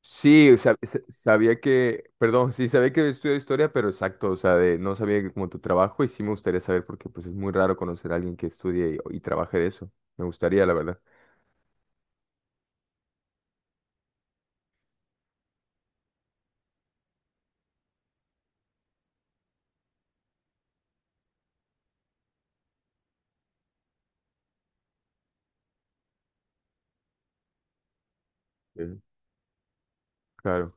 Sí, sabía que, perdón, sí, sabía que estudió historia, pero exacto, o sea, no sabía que como tu trabajo, y sí me gustaría saber porque pues es muy raro conocer a alguien que estudie y trabaje de eso. Me gustaría, la verdad. Sí. Claro,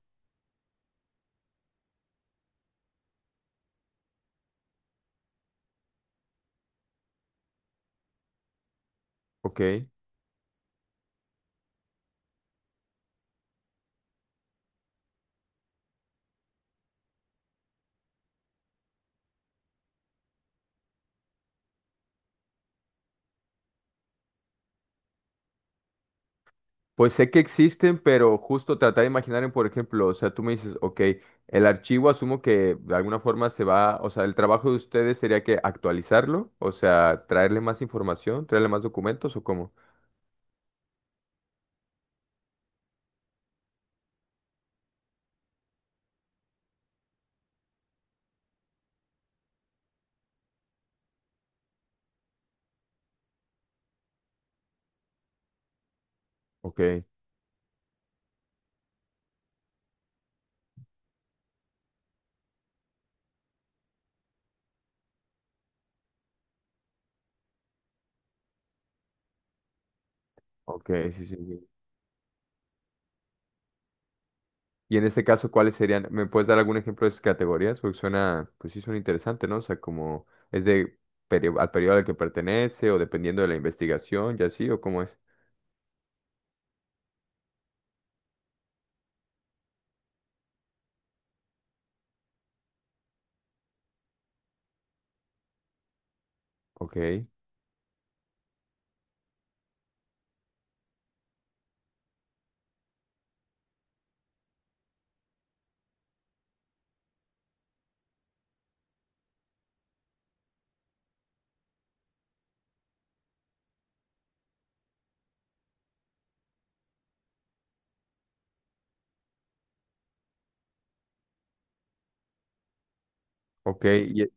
ok. Pues sé que existen, pero justo tratar de imaginar, por ejemplo, o sea, tú me dices, ok, el archivo asumo que de alguna forma se va, o sea, el trabajo de ustedes sería que actualizarlo, o sea, traerle más información, traerle más documentos o cómo. Ok, ok, sí, sí, sí. Y en este caso, ¿cuáles serían? ¿Me puedes dar algún ejemplo de esas categorías? Porque suena, pues sí, suena interesante, ¿no? O sea, como es de al periodo al que pertenece o dependiendo de la investigación, ya así, o cómo es. Ok, ok, y-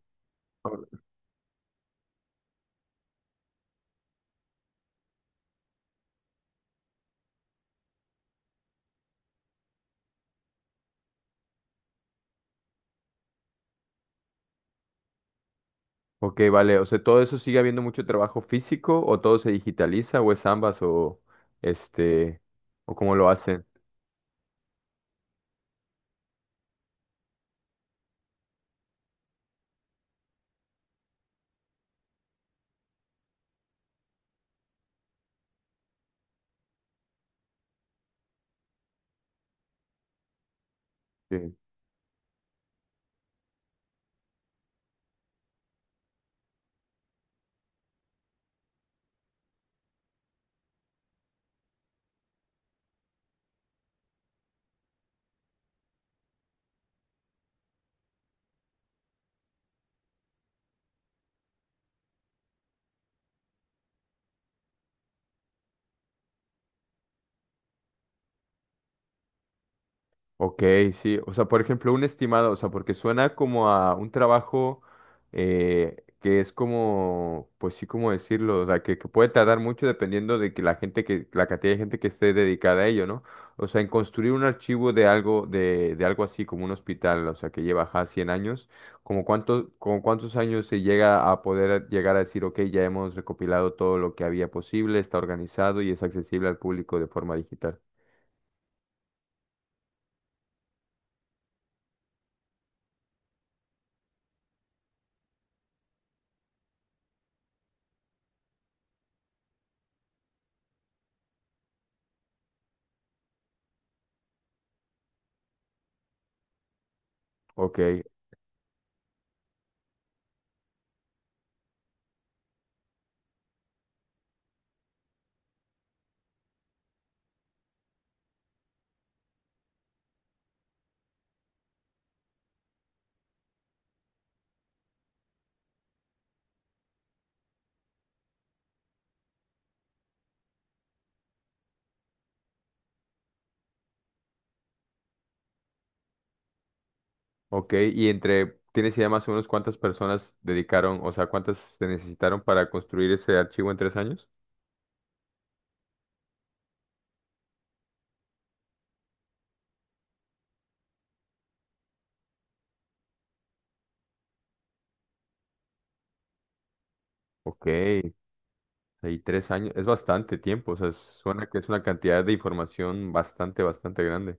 ok, vale. O sea, ¿todo eso sigue habiendo mucho trabajo físico o todo se digitaliza o es ambas o este, o cómo lo hacen? Ok, sí, o sea, por ejemplo, un estimado, o sea, porque suena como a un trabajo que es como, pues sí, como decirlo, o sea, que puede tardar mucho dependiendo de que la gente que, la cantidad de gente que esté dedicada a ello, ¿no? O sea, en construir un archivo de algo, de algo así como un hospital, o sea, que lleva ya 100 años, ¿como cuánto, como cuántos años se llega a poder llegar a decir, ok, ya hemos recopilado todo lo que había posible, está organizado y es accesible al público de forma digital? Ok. Ok, y entre, ¿tienes idea más o menos cuántas personas dedicaron, o sea, cuántas se necesitaron para construir ese archivo en 3 años? Ok, hay 3 años, es bastante tiempo, o sea, suena que es una cantidad de información bastante, bastante grande.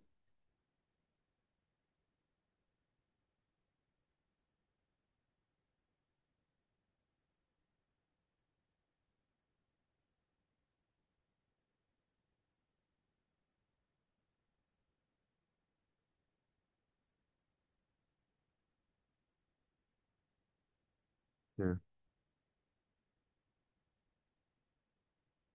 Sí.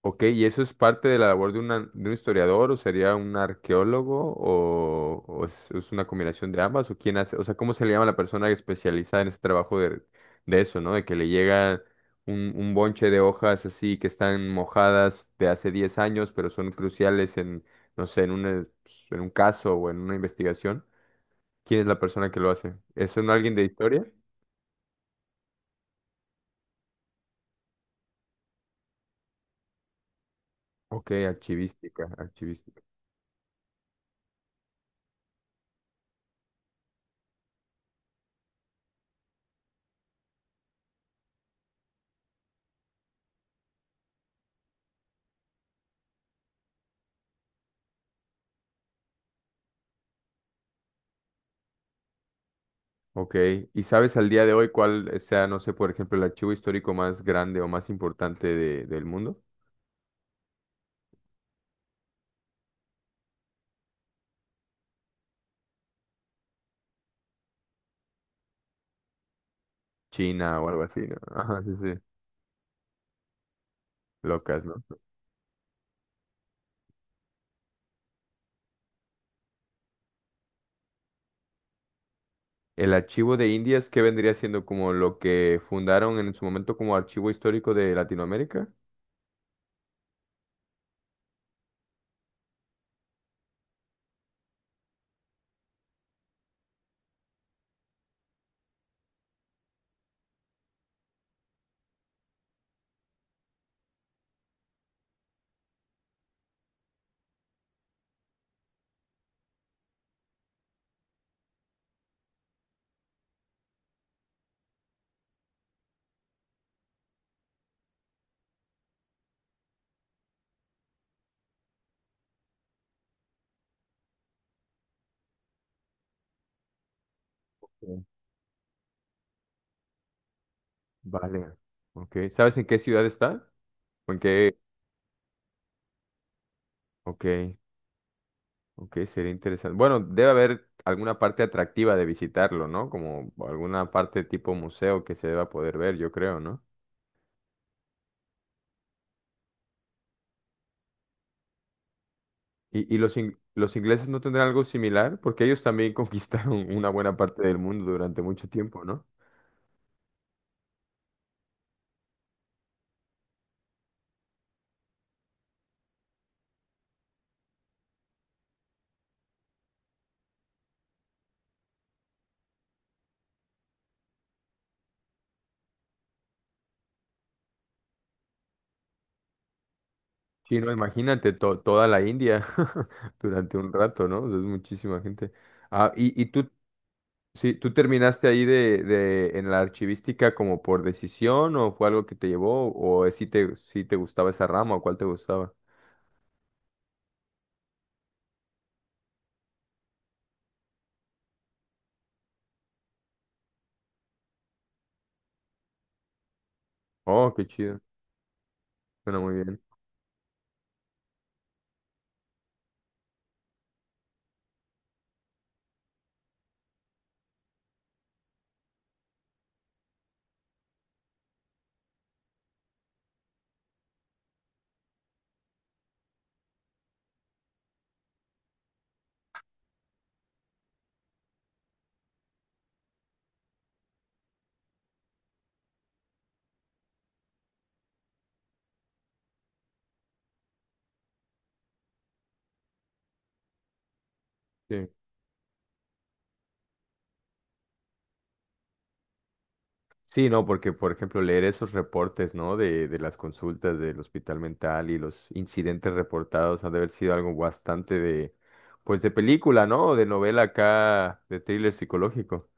Ok, ¿y eso es parte de la labor de, de un historiador o sería un arqueólogo o es una combinación de ambas? ¿O quién hace? O sea, ¿cómo se le llama a la persona especializada en ese trabajo de eso, ¿no? De que le llega un bonche de hojas así que están mojadas de hace 10 años, pero son cruciales en, no sé, en un caso o en una investigación. ¿Quién es la persona que lo hace? ¿Es un alguien de historia? Ok, archivística, archivística. Ok, ¿y sabes al día de hoy cuál sea, no sé, por ejemplo, el archivo histórico más grande o más importante del mundo? China o algo así, ¿no? Ajá, sí, sí. Locas, ¿no? El archivo de Indias, ¿qué vendría siendo como lo que fundaron en su momento como archivo histórico de Latinoamérica? Sí. Vale. Ok, ¿sabes en qué ciudad está? ¿O en qué? Ok, ok, sería interesante. Bueno, debe haber alguna parte atractiva de visitarlo, ¿no? Como alguna parte tipo museo que se deba poder ver, yo creo, ¿no? Y los, los ingleses no tendrán algo similar? Porque ellos también conquistaron una buena parte del mundo durante mucho tiempo, ¿no? Sí, no, imagínate toda la India durante un rato, ¿no? O sea, es muchísima gente. Ah, y, y tú, sí, tú terminaste ahí en la archivística como por decisión o fue algo que te llevó o si te, si te gustaba esa rama o cuál te gustaba. Oh, qué chido. Suena muy bien. Sí. Sí, no, porque por ejemplo leer esos reportes, ¿no? De las consultas del hospital mental y los incidentes reportados han de haber sido algo bastante de, pues de película, ¿no? De novela acá, de thriller psicológico.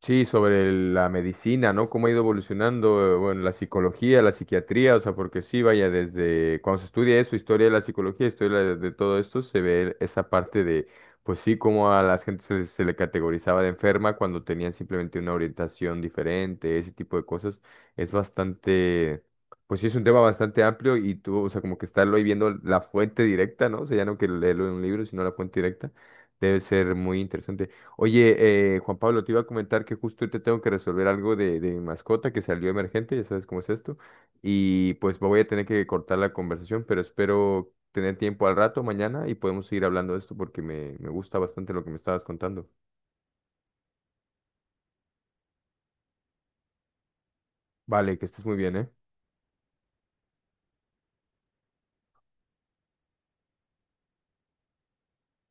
Sí, sobre la medicina, ¿no? Cómo ha ido evolucionando, bueno, la psicología, la psiquiatría, o sea, porque sí, vaya, desde cuando se estudia eso, historia de la psicología, historia de todo esto, se ve esa parte de, pues sí, cómo a la gente se le categorizaba de enferma cuando tenían simplemente una orientación diferente, ese tipo de cosas. Es bastante, pues sí, es un tema bastante amplio y tú, o sea, como que estarlo ahí viendo la fuente directa, ¿no? O sea, ya no que leerlo en un libro, sino la fuente directa, debe ser muy interesante. Oye, Juan Pablo, te iba a comentar que justo ahorita tengo que resolver algo de mi mascota que salió emergente, ya sabes cómo es esto, y pues voy a tener que cortar la conversación, pero espero tener tiempo al rato mañana y podemos seguir hablando de esto porque me gusta bastante lo que me estabas contando. Vale, que estés muy bien, ¿eh?